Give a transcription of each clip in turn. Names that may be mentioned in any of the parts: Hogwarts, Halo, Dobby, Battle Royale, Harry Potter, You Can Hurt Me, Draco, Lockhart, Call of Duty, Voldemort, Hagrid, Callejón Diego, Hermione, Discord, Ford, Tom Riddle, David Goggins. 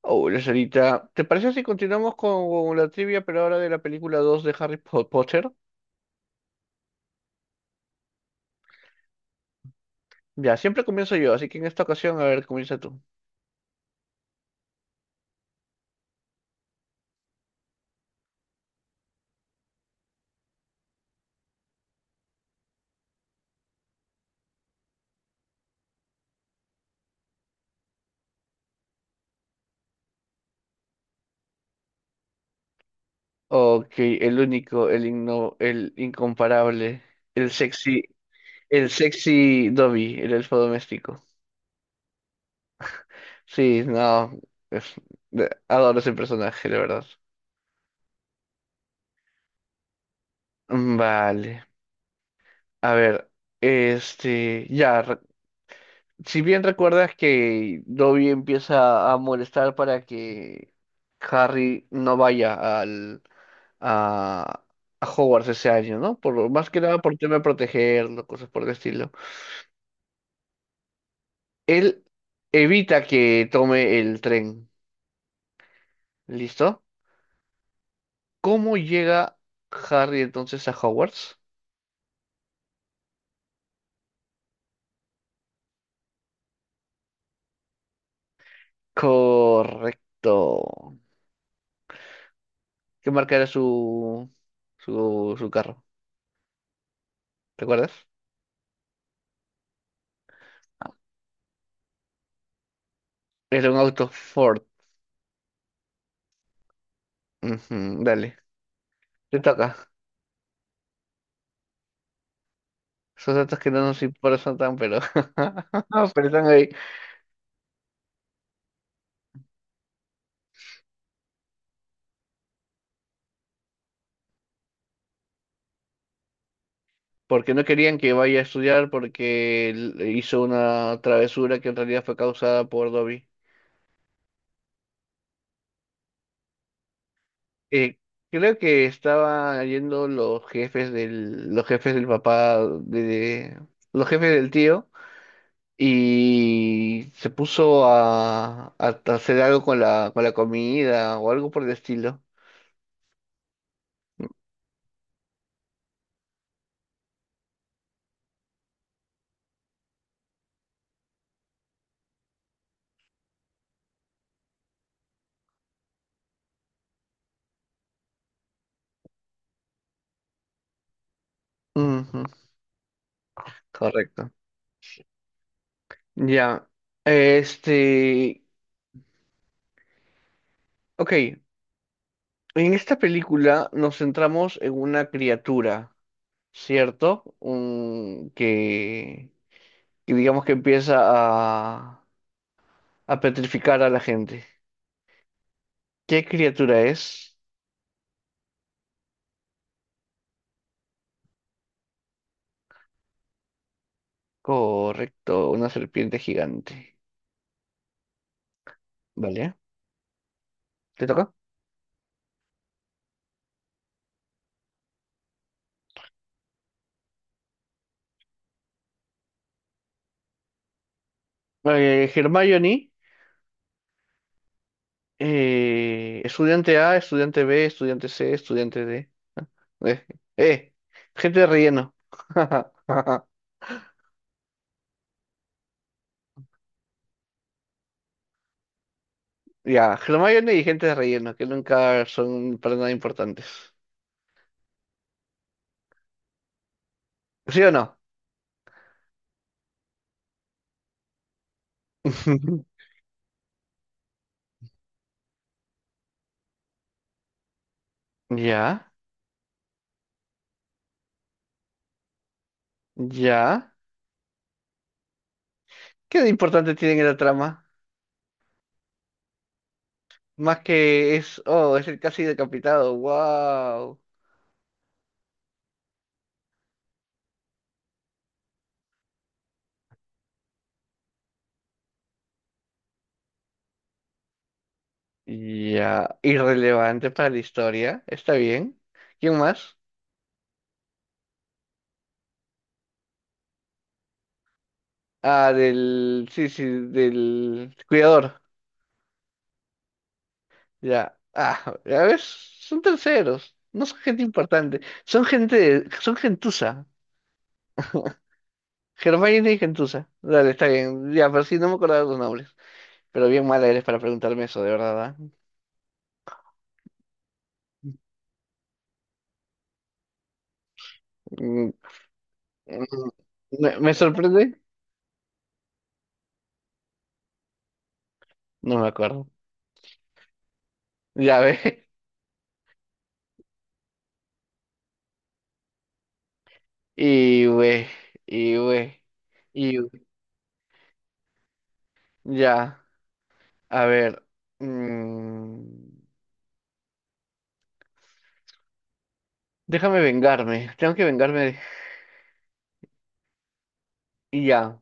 Hola, Sarita. ¿Te parece si continuamos con la trivia, pero ahora de la película 2 de Potter? Ya, siempre comienzo yo, así que en esta ocasión, a ver, comienza tú. Ok, el incomparable, el sexy, el sexy Dobby, el elfo doméstico. Sí, no, es- adoro ese personaje, la verdad. Vale, a ver, este, ya, si bien recuerdas que Dobby empieza a molestar para que Harry no vaya al, a, a Hogwarts ese año, ¿no? Por, más que nada por tema de protegerlo, cosas por el estilo. Él evita que tome el tren, ¿listo? ¿Cómo llega Harry entonces a Hogwarts? Correcto. ¿Qué marca era su carro? ¿Recuerdas? Era un auto Ford. Ujú, dale, te toca. Esos datos que no nos importan tan, pero, no, pero están ahí. Porque no querían que vaya a estudiar porque él hizo una travesura que en realidad fue causada por Dobby. Eh, Creo que estaba yendo los jefes del papá, de- los jefes del tío, y se puso a hacer algo con con la comida o algo por el estilo. Ujú, correcto. Ya. Este, ok, en esta película nos centramos en una criatura, ¿cierto? Que digamos que empieza a petrificar a la gente. ¿Qué criatura es? Correcto, una serpiente gigante. ¿Vale? ¿Te toca? Hermione, estudiante A, estudiante B, estudiante C, estudiante D. Eh, eh, gente de relleno. Ya, Hermione y gente de relleno, que nunca son para nada importantes. ¿Sí o no? Ya, ya. ¿Qué de importante tiene en la trama? Más que es, oh, es el casi decapitado, wow. Ya, irrelevante para la historia, está bien. ¿Quién más? Ah, del, sí, sí, del cuidador. Ya, ah, ya ves, son terceros, no son gente importante, son gente, son gentuza, Hermione y gentuza. Dale, está bien, ya, pero sí, no me acordaba los nombres. Pero bien mala eres para preguntarme eso, de verdad, ¿ah? Mm, mm, me sorprende, no me acuerdo. Ya ve. Y güey, y güey, y ya. A ver. mm, Déjame vengarme. Tengo que vengarme. Y ya.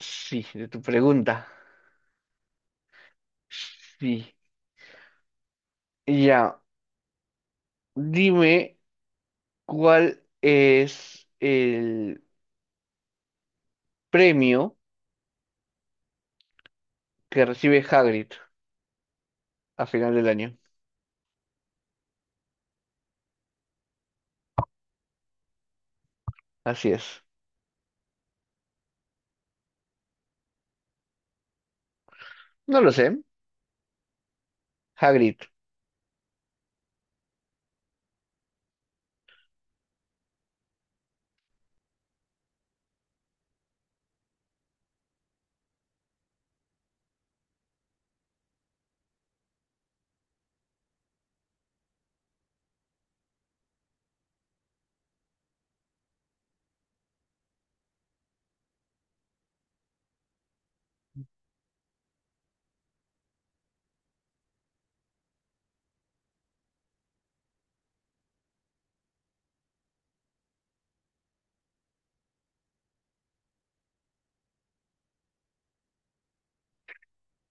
Sí, de tu pregunta. Sí. Y ya. Dime cuál es el premio que recibe Hagrid a final del año. Así es. No lo sé. Hagrid.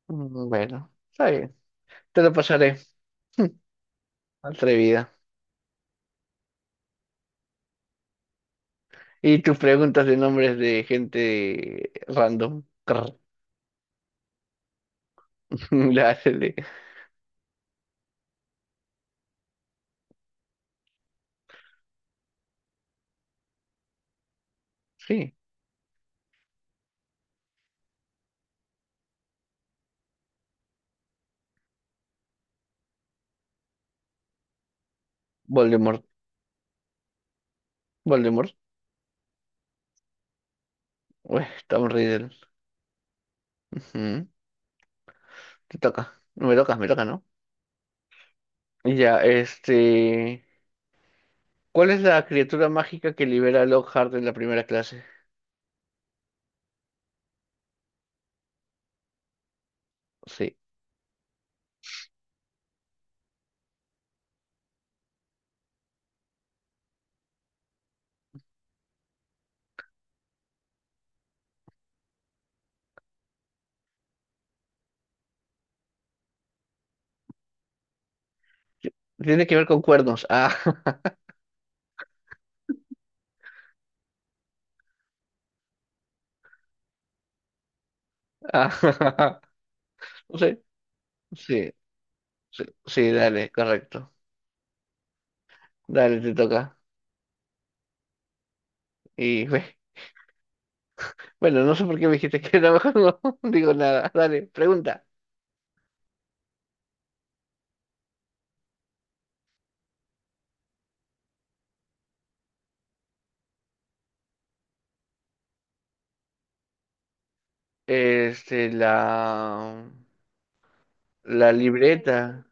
Bueno, está bien. Te lo pasaré. Atrevida. Y tus preguntas de nombres de gente random. Crr. La hace de... Sí, Voldemort. Voldemort. Uy, Tom Riddle. Ujú. Te toca. No me tocas, me toca, ¿no? Ya, este... ¿Cuál es la criatura mágica que libera a Lockhart en la primera clase? Sí. Tiene que ver con cuernos. Ah, ah, no sé, sí, sí, sí, dale, correcto. Dale, te toca. Y bueno, no sé por qué me dijiste que era mejor, no digo nada. Dale, pregunta. Este, la, la libreta,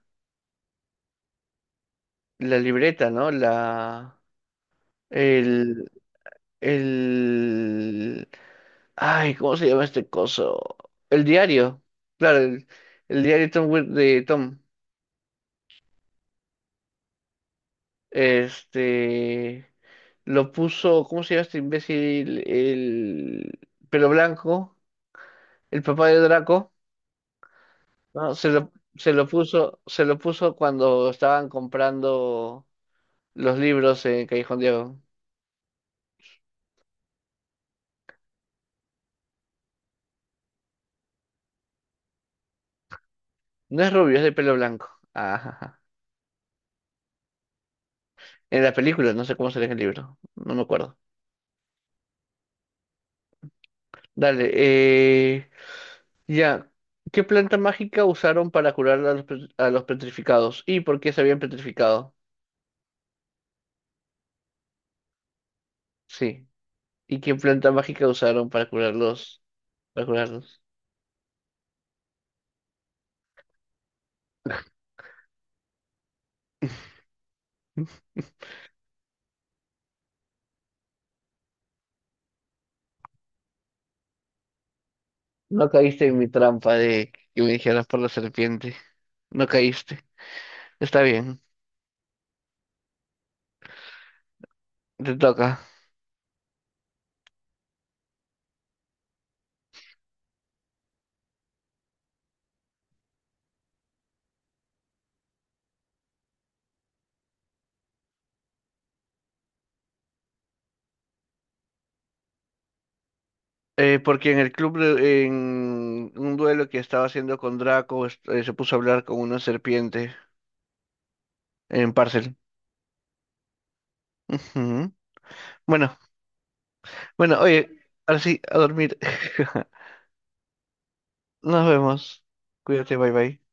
la libreta, ¿no? El, el, ay, ¿cómo se llama este coso? El diario, claro, el diario de de Tom. Este, lo puso, ¿cómo se llama este imbécil? El pelo blanco, el papá de Draco, ¿no? Se lo puso cuando estaban comprando los libros en Callejón Diego. No es rubio, es de pelo blanco. Ajá, ajá. En la película, no sé cómo sale en el libro. No me acuerdo. Dale, ya. ¿Qué planta mágica usaron para curar a a los petrificados? ¿Y por qué se habían petrificado? Sí. ¿Y qué planta mágica usaron para curarlos? Para curarlos. No caíste en mi trampa de que me dijeras por la serpiente. No caíste. Está bien. Te toca. Porque en en un duelo que estaba haciendo con Draco, se puso a hablar con una serpiente. En Parcel. Ujú. Bueno, bueno, oye, ahora sí, a dormir. Nos vemos. Cuídate, bye bye.